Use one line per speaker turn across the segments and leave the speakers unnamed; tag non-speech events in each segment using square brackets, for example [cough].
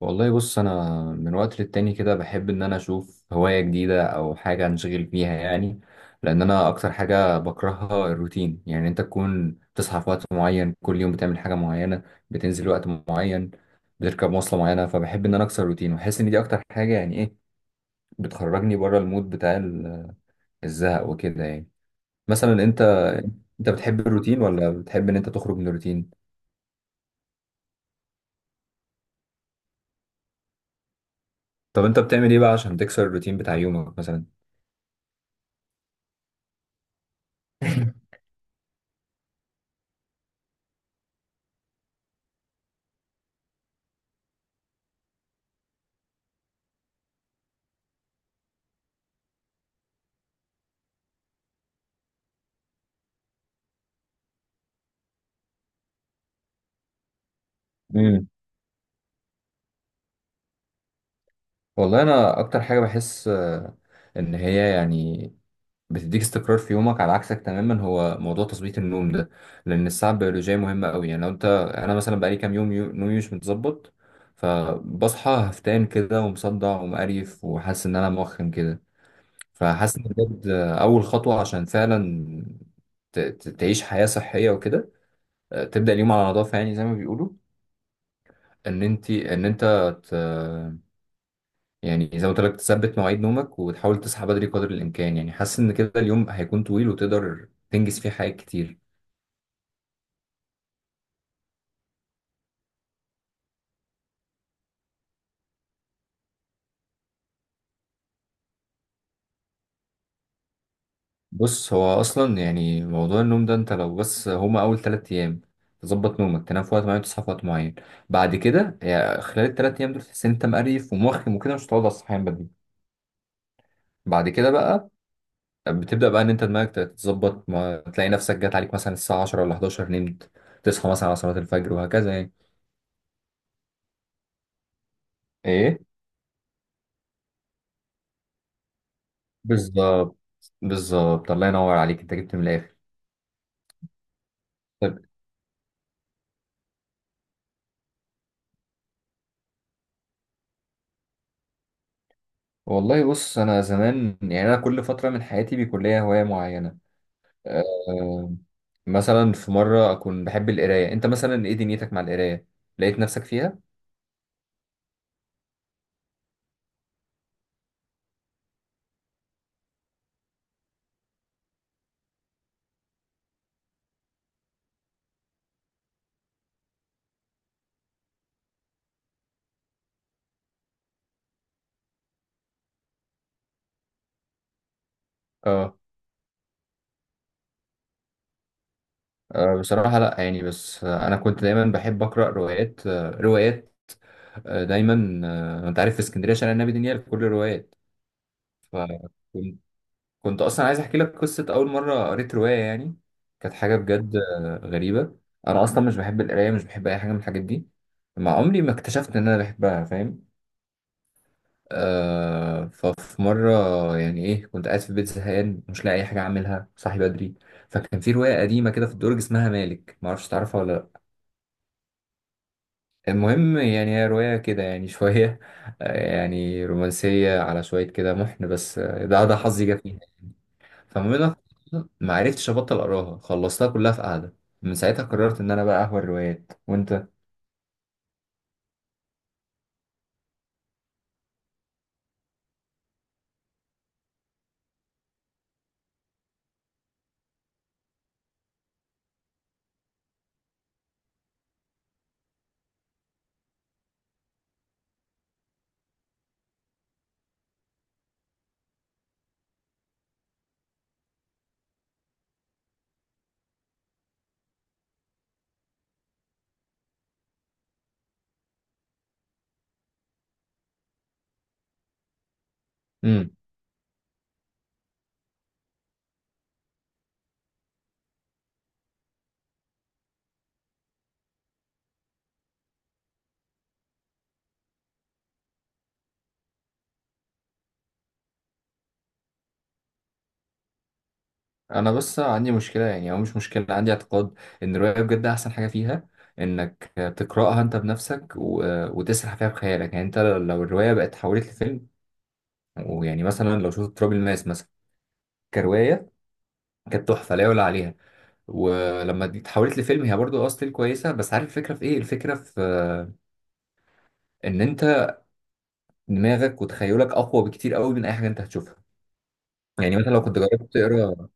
والله بص انا من وقت للتاني كده بحب ان انا اشوف هواية جديدة او حاجة انشغل بيها يعني. لان انا اكتر حاجة بكرهها الروتين، يعني انت تكون بتصحى في وقت معين كل يوم، بتعمل حاجة معينة، بتنزل وقت معين، بتركب مواصلة معينة. فبحب ان انا اكسر الروتين واحس ان دي اكتر حاجة، يعني ايه، بتخرجني بره المود بتاع الزهق وكده يعني. مثلا انت، انت بتحب الروتين ولا بتحب ان انت تخرج من الروتين؟ طب انت بتعمل ايه بقى عشان تكسر الروتين بتاع يومك مثلا؟ [laughs] والله انا اكتر حاجه بحس ان هي يعني بتديك استقرار في يومك، على عكسك تماما. هو موضوع تظبيط النوم ده، لان الساعه البيولوجيه مهمه قوي. يعني لو انت، انا مثلا بقالي كام يوم نومي مش متظبط، فبصحى هفتان كده ومصدع ومقريف وحاسس ان انا موخم كده. فحاسس ان بجد اول خطوه عشان فعلا تعيش حياه صحيه وكده، تبدا اليوم على نظافه، يعني زي ما بيقولوا، ان انت ان انت يعني زي ما قلت لك، تثبت مواعيد نومك وتحاول تصحى بدري قدر الامكان. يعني حاسس ان كده اليوم هيكون طويل وتقدر تنجز فيه حاجات كتير. بص، هو اصلا يعني موضوع النوم ده انت لو بس، هما اول ثلاث ايام تظبط نومك، تنام في وقت معين وتصحى في وقت معين، بعد كده يعني خلال الثلاث ايام دول تحس ان انت مقريف وموخم وكده مش هتقعد على الصحيان بدري. بعد كده بقى بتبدا بقى ان انت دماغك تتظبط، ما تلاقي نفسك جات عليك مثلا الساعه 10 ولا 11 نمت، تصحى مثلا على صلاه الفجر وهكذا يعني. ايه؟ بالظبط. بالظبط، الله ينور عليك، انت جبت من الاخر. طب والله بص انا زمان، يعني انا كل فتره من حياتي بيكون ليا هوايه معينه. أه. مثلا في مره اكون بحب القرايه. انت مثلا ايه دنيتك مع القرايه؟ لقيت نفسك فيها؟ اه. بصراحه لا، يعني بس انا كنت دايما بحب اقرا روايات، روايات، دايما، انت عارف في اسكندريه شارع النبي دانيال كل الروايات. فكنت كنت اصلا عايز احكي لك قصه اول مره قريت روايه يعني. كانت حاجه بجد غريبه. انا اصلا مش بحب القرايه، مش بحب اي حاجه من الحاجات دي مع عمري، ما اكتشفت ان انا بحبها، فاهم. آه، ففي مره، يعني ايه، كنت قاعد في البيت زهقان مش لاقي اي حاجه اعملها، صاحي بدري، فكان في روايه قديمه كده في الدرج اسمها مالك، ما اعرفش تعرفها ولا لا. المهم، يعني هي روايه كده، يعني شويه [laughs] يعني رومانسيه على شويه كده محن، بس ده حظي جه فيها. فمنها ما عرفتش ابطل اقراها، خلصتها كلها في قعده. من ساعتها قررت ان انا بقى اهوى الروايات. وانت؟ امم. انا بس عندي مشكله، يعني او مش مشكله، عندي اعتقاد ان الروايه بجد احسن حاجه فيها انك تقراها انت بنفسك وتسرح فيها بخيالك. يعني انت لو الروايه بقت اتحولت لفيلم، ويعني مثلا لو شفت تراب الماس مثلا كروايه، كانت تحفه لا يعلى عليها، ولما دي اتحولت لفيلم هي برضو اصل كويسه، بس عارف الفكره في ايه؟ الفكره في ان انت دماغك وتخيلك اقوى بكتير قوي من اي حاجه انت هتشوفها. يعني مثلا لو كنت جربت تقرا،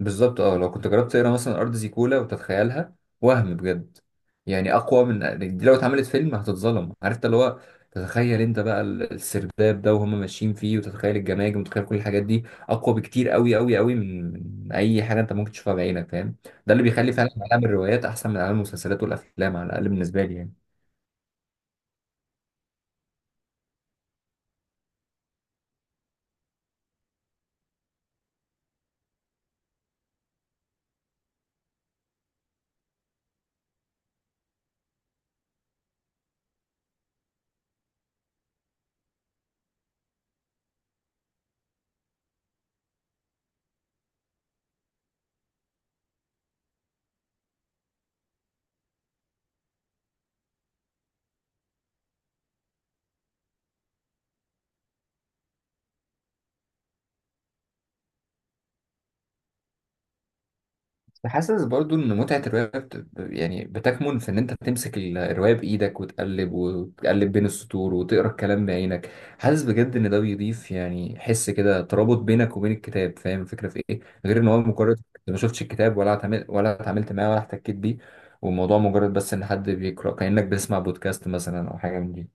بالظبط اه، لو كنت جربت تقرا مثلا ارض زيكولا وتتخيلها، وهم بجد، يعني اقوى من دي. لو اتعملت فيلم هتتظلم، عرفت اللي هو، تتخيل انت بقى السرداب ده وهم ماشيين فيه، وتتخيل الجماجم، وتتخيل كل الحاجات دي اقوى بكتير قوي قوي قوي من، من اي حاجه انت ممكن تشوفها بعينك، فاهم. ده اللي بيخلي فعلا عالم الروايات احسن من عالم المسلسلات والافلام، على الاقل بالنسبه لي يعني. حاسس برضو ان متعة الرواية يعني بتكمن في ان انت تمسك الرواية بايدك وتقلب وتقلب بين السطور وتقرا الكلام بعينك. حاسس بجد ان ده بيضيف يعني حس كده ترابط بينك وبين الكتاب، فاهم الفكرة في ايه؟ غير ان هو مجرد أنت ما شفتش الكتاب ولا ولا اتعاملت معاه ولا احتكيت بيه، والموضوع مجرد بس ان حد بيقرا، كأنك بتسمع بودكاست مثلا او حاجة من دي.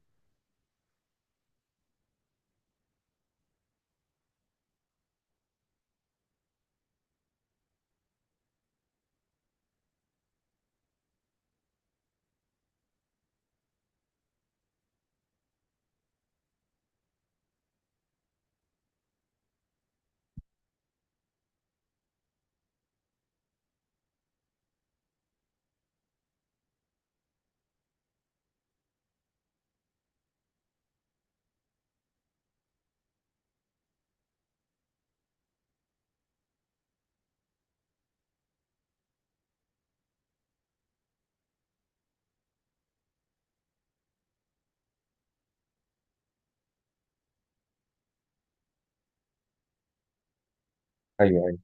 ايوه،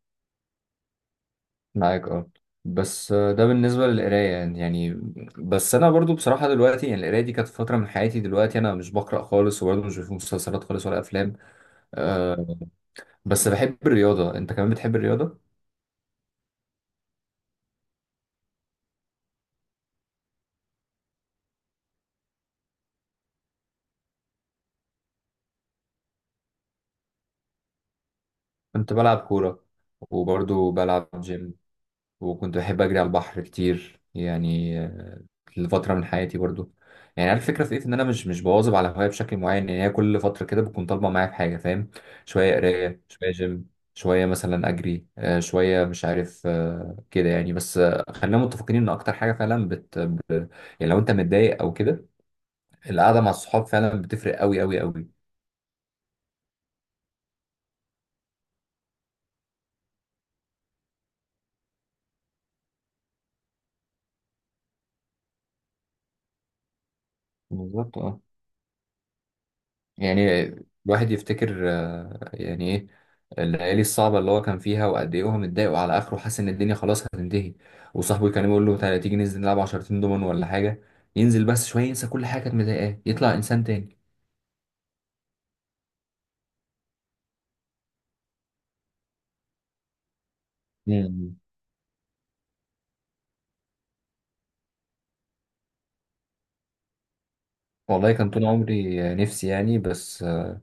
معاك اه. بس ده بالنسبة للقراية يعني. بس أنا برضو بصراحة دلوقتي، يعني القراية دي كانت فترة من حياتي، دلوقتي أنا مش بقرأ خالص، وبرضو مش بشوف مسلسلات خالص ولا أفلام. أه. بس بحب الرياضة، أنت كمان بتحب الرياضة؟ كنت بلعب كورة، وبرضو بلعب جيم، وكنت بحب أجري على البحر كتير يعني، لفترة من حياتي برضو. يعني عارف الفكرة في إيه؟ إن أنا مش بواظب على هواية بشكل معين، يعني هي كل فترة كده بتكون طالبة معايا في حاجة، فاهم. شوية قراية، شوية جيم، شوية مثلا أجري شوية مش عارف كده يعني، بس خلينا متفقين إن أكتر حاجة فعلا بت، يعني لو أنت متضايق أو كده، القعدة مع الصحاب فعلا بتفرق أوي أوي أوي. بالظبط اه. يعني الواحد يفتكر يعني ايه، الليالي الصعبة اللي هو كان فيها، وقد ايه هو متضايق وعلى اخره حاسس ان الدنيا خلاص هتنتهي، وصاحبه كان يقول له تعالى تيجي ننزل نلعب عشرتين دومن ولا حاجة، ينزل بس شوية ينسى كل حاجة كانت مضايقاه، يطلع انسان تاني. مم. والله كان طول عمري نفسي، يعني بس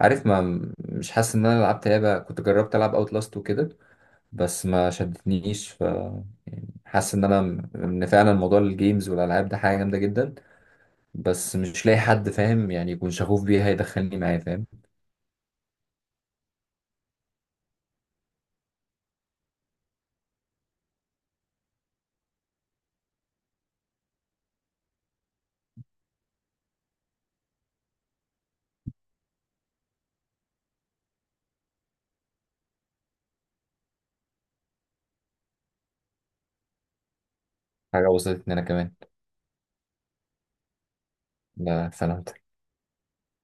عارف، ما مش حاسس ان انا لعبت لعبة. كنت جربت العب اوت لاست وكده، بس ما شدتنيش، فحاسس ان انا، ان فعلا موضوع الجيمز والالعاب ده حاجة جامدة جدا، بس مش لاقي حد فاهم يعني يكون شغوف بيها يدخلني معاه، فاهم. حاجة وصلت ان انا كمان. لا سلام.